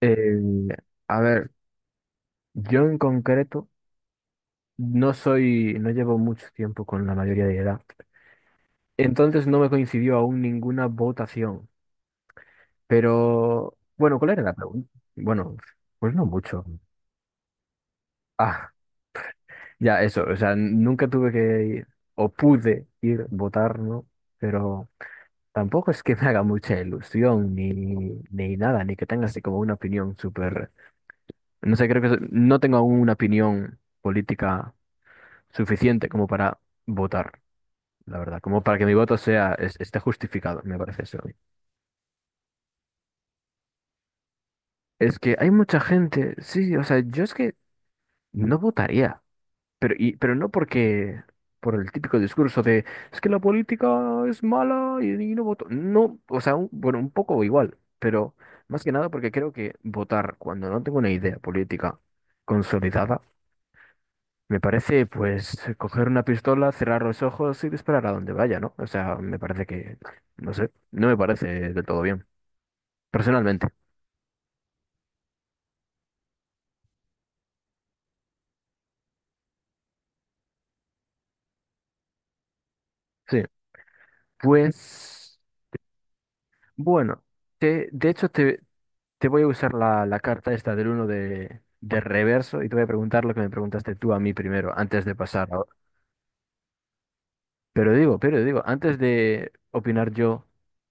Eh, a ver, yo en concreto no soy, no llevo mucho tiempo con la mayoría de edad. Entonces no me coincidió aún ninguna votación. Pero, bueno, ¿cuál era la pregunta? Bueno, pues no mucho. Ah, ya, eso. O sea, nunca tuve que ir, o pude ir votar, ¿no? Pero tampoco es que me haga mucha ilusión, ni nada, ni que tenga así como una opinión súper. No sé, creo que no tengo aún una opinión política suficiente como para votar, la verdad, como para que mi voto sea, esté justificado, me parece eso a mí. Es que hay mucha gente, sí, o sea, yo es que no votaría, pero no porque, por el típico discurso de, es que la política es mala y no voto. No, o sea, bueno, un poco igual, pero más que nada porque creo que votar cuando no tengo una idea política consolidada, me parece, pues, coger una pistola, cerrar los ojos y disparar a donde vaya, ¿no? O sea, me parece que, no sé, no me parece del todo bien, personalmente. Sí, pues, bueno, te, de hecho te, te voy a usar la, la carta esta del uno de reverso y te voy a preguntar lo que me preguntaste tú a mí primero, antes de pasar. Pero digo, antes de opinar yo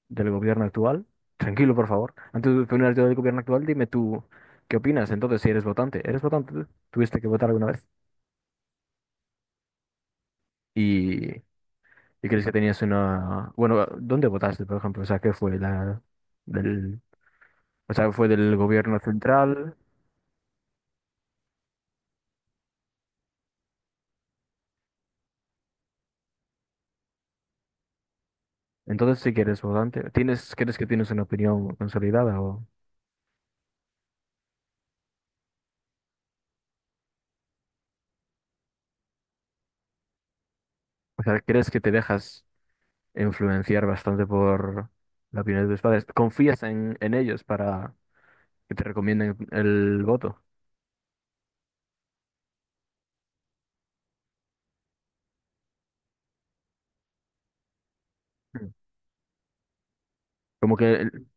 del gobierno actual, tranquilo, por favor, antes de opinar yo del gobierno actual, dime tú qué opinas. Entonces, si eres votante, ¿eres votante tú? ¿Tuviste que votar alguna vez? ¿Y, y crees que tenías una... Bueno, ¿dónde votaste, por ejemplo? O sea, ¿qué fue la... del... O sea, ¿fue del gobierno central? Entonces, si eres votante, ¿tienes, crees que tienes una opinión consolidada? O sea, ¿crees que te dejas influenciar bastante por la opinión de tus padres? ¿Confías en ellos para que te recomienden el voto? Mm. Como que,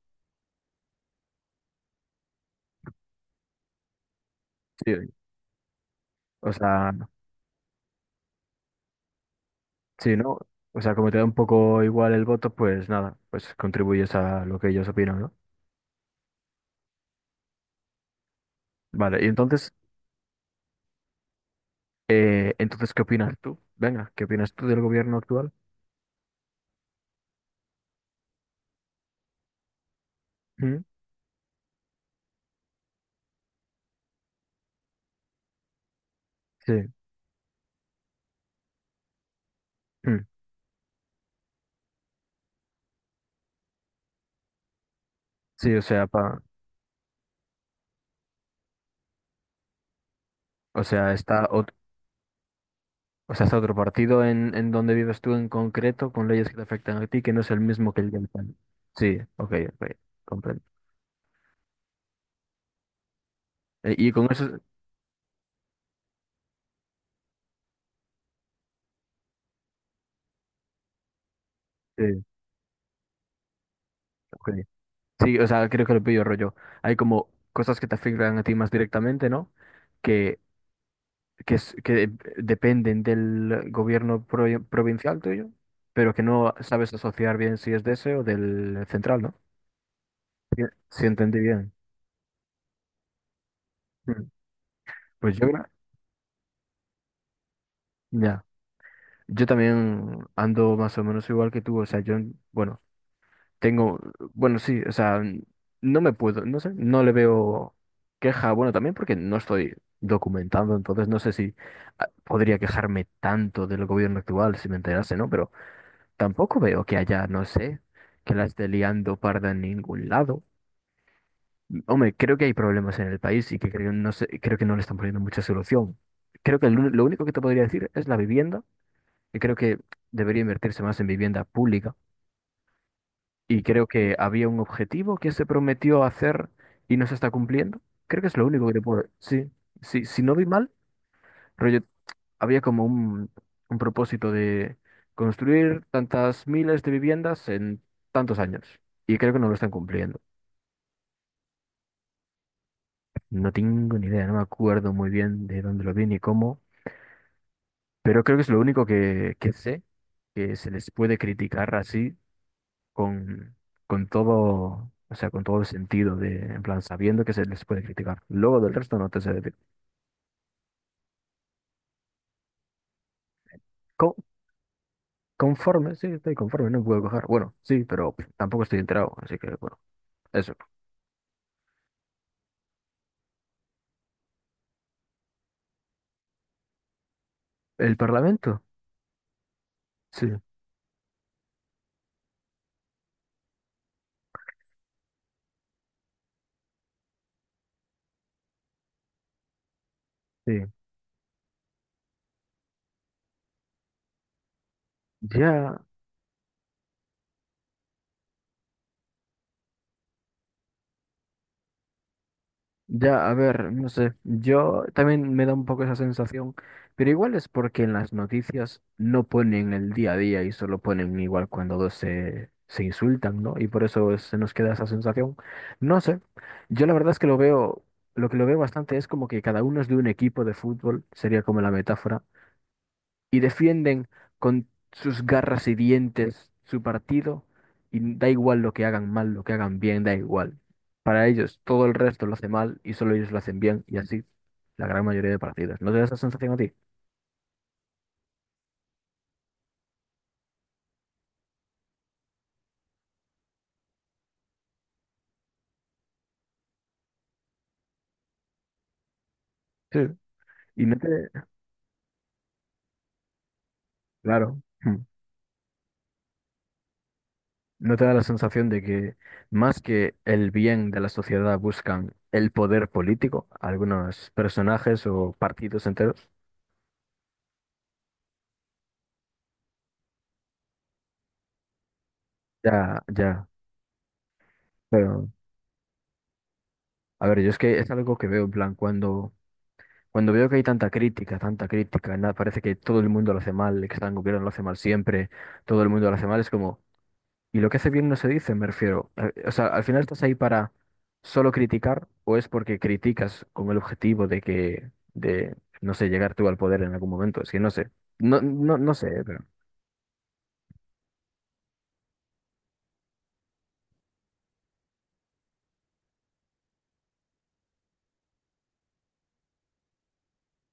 sí, o sea, sí, ¿no? O sea, como te da un poco igual el voto, pues nada, pues contribuyes a lo que ellos opinan, ¿no? Vale, y entonces, entonces, ¿qué opinas tú? Venga, ¿qué opinas tú del gobierno actual? Mm, sí, mm, sí, o sea, pa, o sea, está otro, o sea, está otro partido en donde vives tú en concreto, con leyes que te afectan a ti, que no es el mismo que el del país. Sí, ok, ok, comprendo. Y con eso, sí, ok. Sí, o sea, creo que lo pillo rollo. Hay como cosas que te afectan a ti más directamente, ¿no? Que, que, que dependen del gobierno provincial tuyo, pero que no sabes asociar bien si es de ese o del central, ¿no? Sí, sí, entendí bien. Mm. Pues yo, creo- ya. Yo también ando más o menos igual que tú. O sea, yo, bueno, tengo, bueno, sí, o sea, no me puedo, no sé, no le veo queja, bueno, también porque no estoy documentando, entonces no sé si podría quejarme tanto del gobierno actual si me enterase, ¿no? Pero tampoco veo que haya, no sé, que la esté liando parda en ningún lado. Hombre, creo que hay problemas en el país y que creo, no sé, creo que no le están poniendo mucha solución. Creo que lo único que te podría decir es la vivienda, y creo que debería invertirse más en vivienda pública. Y creo que había un objetivo que se prometió hacer y no se está cumpliendo. Creo que es lo único que te puedo... Sí, sí, si no vi mal, rollo, había como un propósito de construir tantas miles de viviendas en tantos años. Y creo que no lo están cumpliendo. No tengo ni idea, no me acuerdo muy bien de dónde lo vi ni cómo, pero creo que es lo único que sé que se les puede criticar así con, con todo, o sea, con todo el sentido de, en plan, sabiendo que se les puede criticar. Luego del resto no te sé decir. Co- conforme, sí, estoy conforme, no puedo coger. Bueno, sí, pero tampoco estoy enterado, así que bueno, eso. El Parlamento, sí, sí. Ya. Ya, a ver, no sé, yo también me da un poco esa sensación, pero igual es porque en las noticias no ponen el día a día y solo ponen igual cuando dos se, se insultan, ¿no? Y por eso se nos queda esa sensación. No sé, yo la verdad es que lo veo, lo que lo veo bastante es como que cada uno es de un equipo de fútbol, sería como la metáfora, y defienden con sus garras y dientes su partido y da igual lo que hagan mal, lo que hagan bien, da igual. Para ellos todo el resto lo hace mal y solo ellos lo hacen bien y así la gran mayoría de partidos. ¿No te da esa sensación a ti? Sí. Y no te, claro, no te da la sensación de que más que el bien de la sociedad buscan el poder político, algunos personajes o partidos enteros. Ya, ya. Pero, a ver, yo es que es algo que veo en plan cuando cuando veo que hay tanta crítica, nada, parece que todo el mundo lo hace mal, que está en gobierno lo hace mal siempre, todo el mundo lo hace mal, es como, ¿y lo que hace bien no se dice? Me refiero. O sea, al final estás ahí para solo criticar o es porque criticas con el objetivo de que, de, no sé, llegar tú al poder en algún momento, es que no sé, no, no, no sé, pero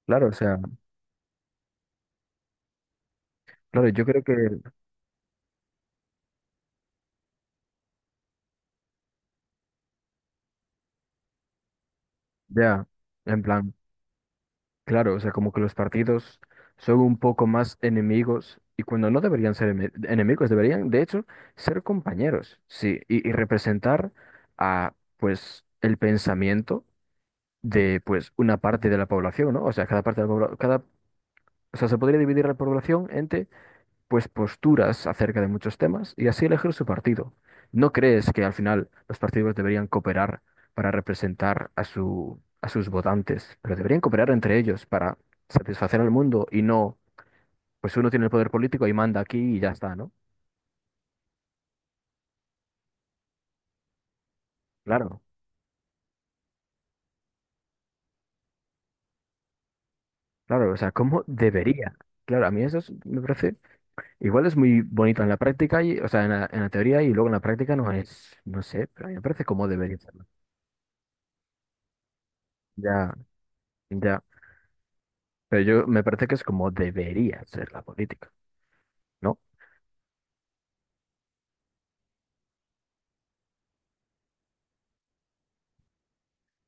claro, o sea, claro, yo creo que ya, en plan... Claro, o sea, como que los partidos son un poco más enemigos y cuando no deberían ser enemigos, deberían de hecho ser compañeros, sí, y representar a pues el pensamiento de pues una parte de la población, ¿no? O sea, cada parte de la población, cada, o sea, se podría dividir la población pues posturas acerca de muchos temas y así elegir su partido. ¿No crees que al final los partidos deberían cooperar para representar a su, a sus votantes, pero deberían cooperar entre ellos para satisfacer al mundo y no, pues uno tiene el poder político y manda aquí y ya está, ¿no? Claro, claro, o sea, ¿cómo debería? Claro, a mí eso me parece, igual es muy bonito en la práctica, y, o sea, en la teoría y luego en la práctica no es, no sé, pero a mí me parece cómo debería serlo. Ya, ya. Pero yo me parece que es como debería ser la política, ¿no?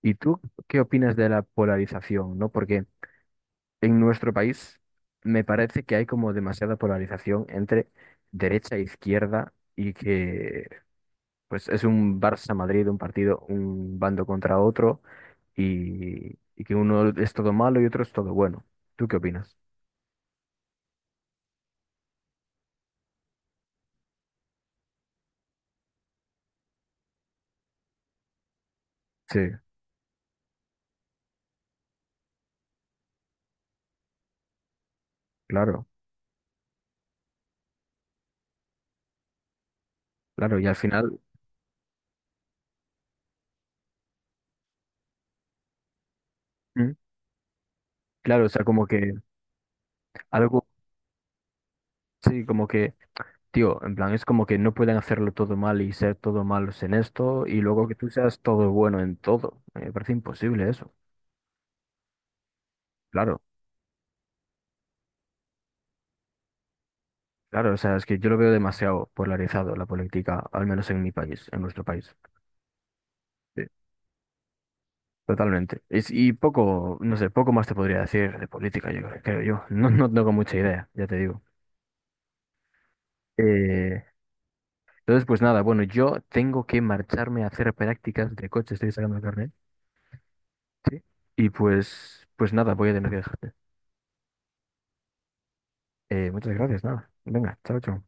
¿Y tú qué opinas de la polarización, ¿no? Porque en nuestro país me parece que hay como demasiada polarización entre derecha e izquierda y que pues es un Barça-Madrid, un partido, un bando contra otro y que uno es todo malo y otro es todo bueno. ¿Tú qué opinas? Sí, claro, claro. Y al final, mm, claro, o sea, como que algo, sí, como que tío, en plan, es como que no pueden hacerlo todo mal y ser todo malos en esto y luego que tú seas todo bueno en todo. Me parece imposible eso. Claro, claro, o sea, es que yo lo veo demasiado polarizado la política, al menos en mi país, en nuestro país. Sí. Totalmente. Y poco, no sé, poco más te podría decir de política, yo creo, creo yo. No, no tengo mucha idea, ya te digo. Eh, entonces, pues nada, bueno, yo tengo que marcharme a hacer prácticas de coche, estoy sacando el carnet. Sí. Y pues, pues nada, voy a tener que dejar. Muchas gracias, nada. Venga, chao, chao.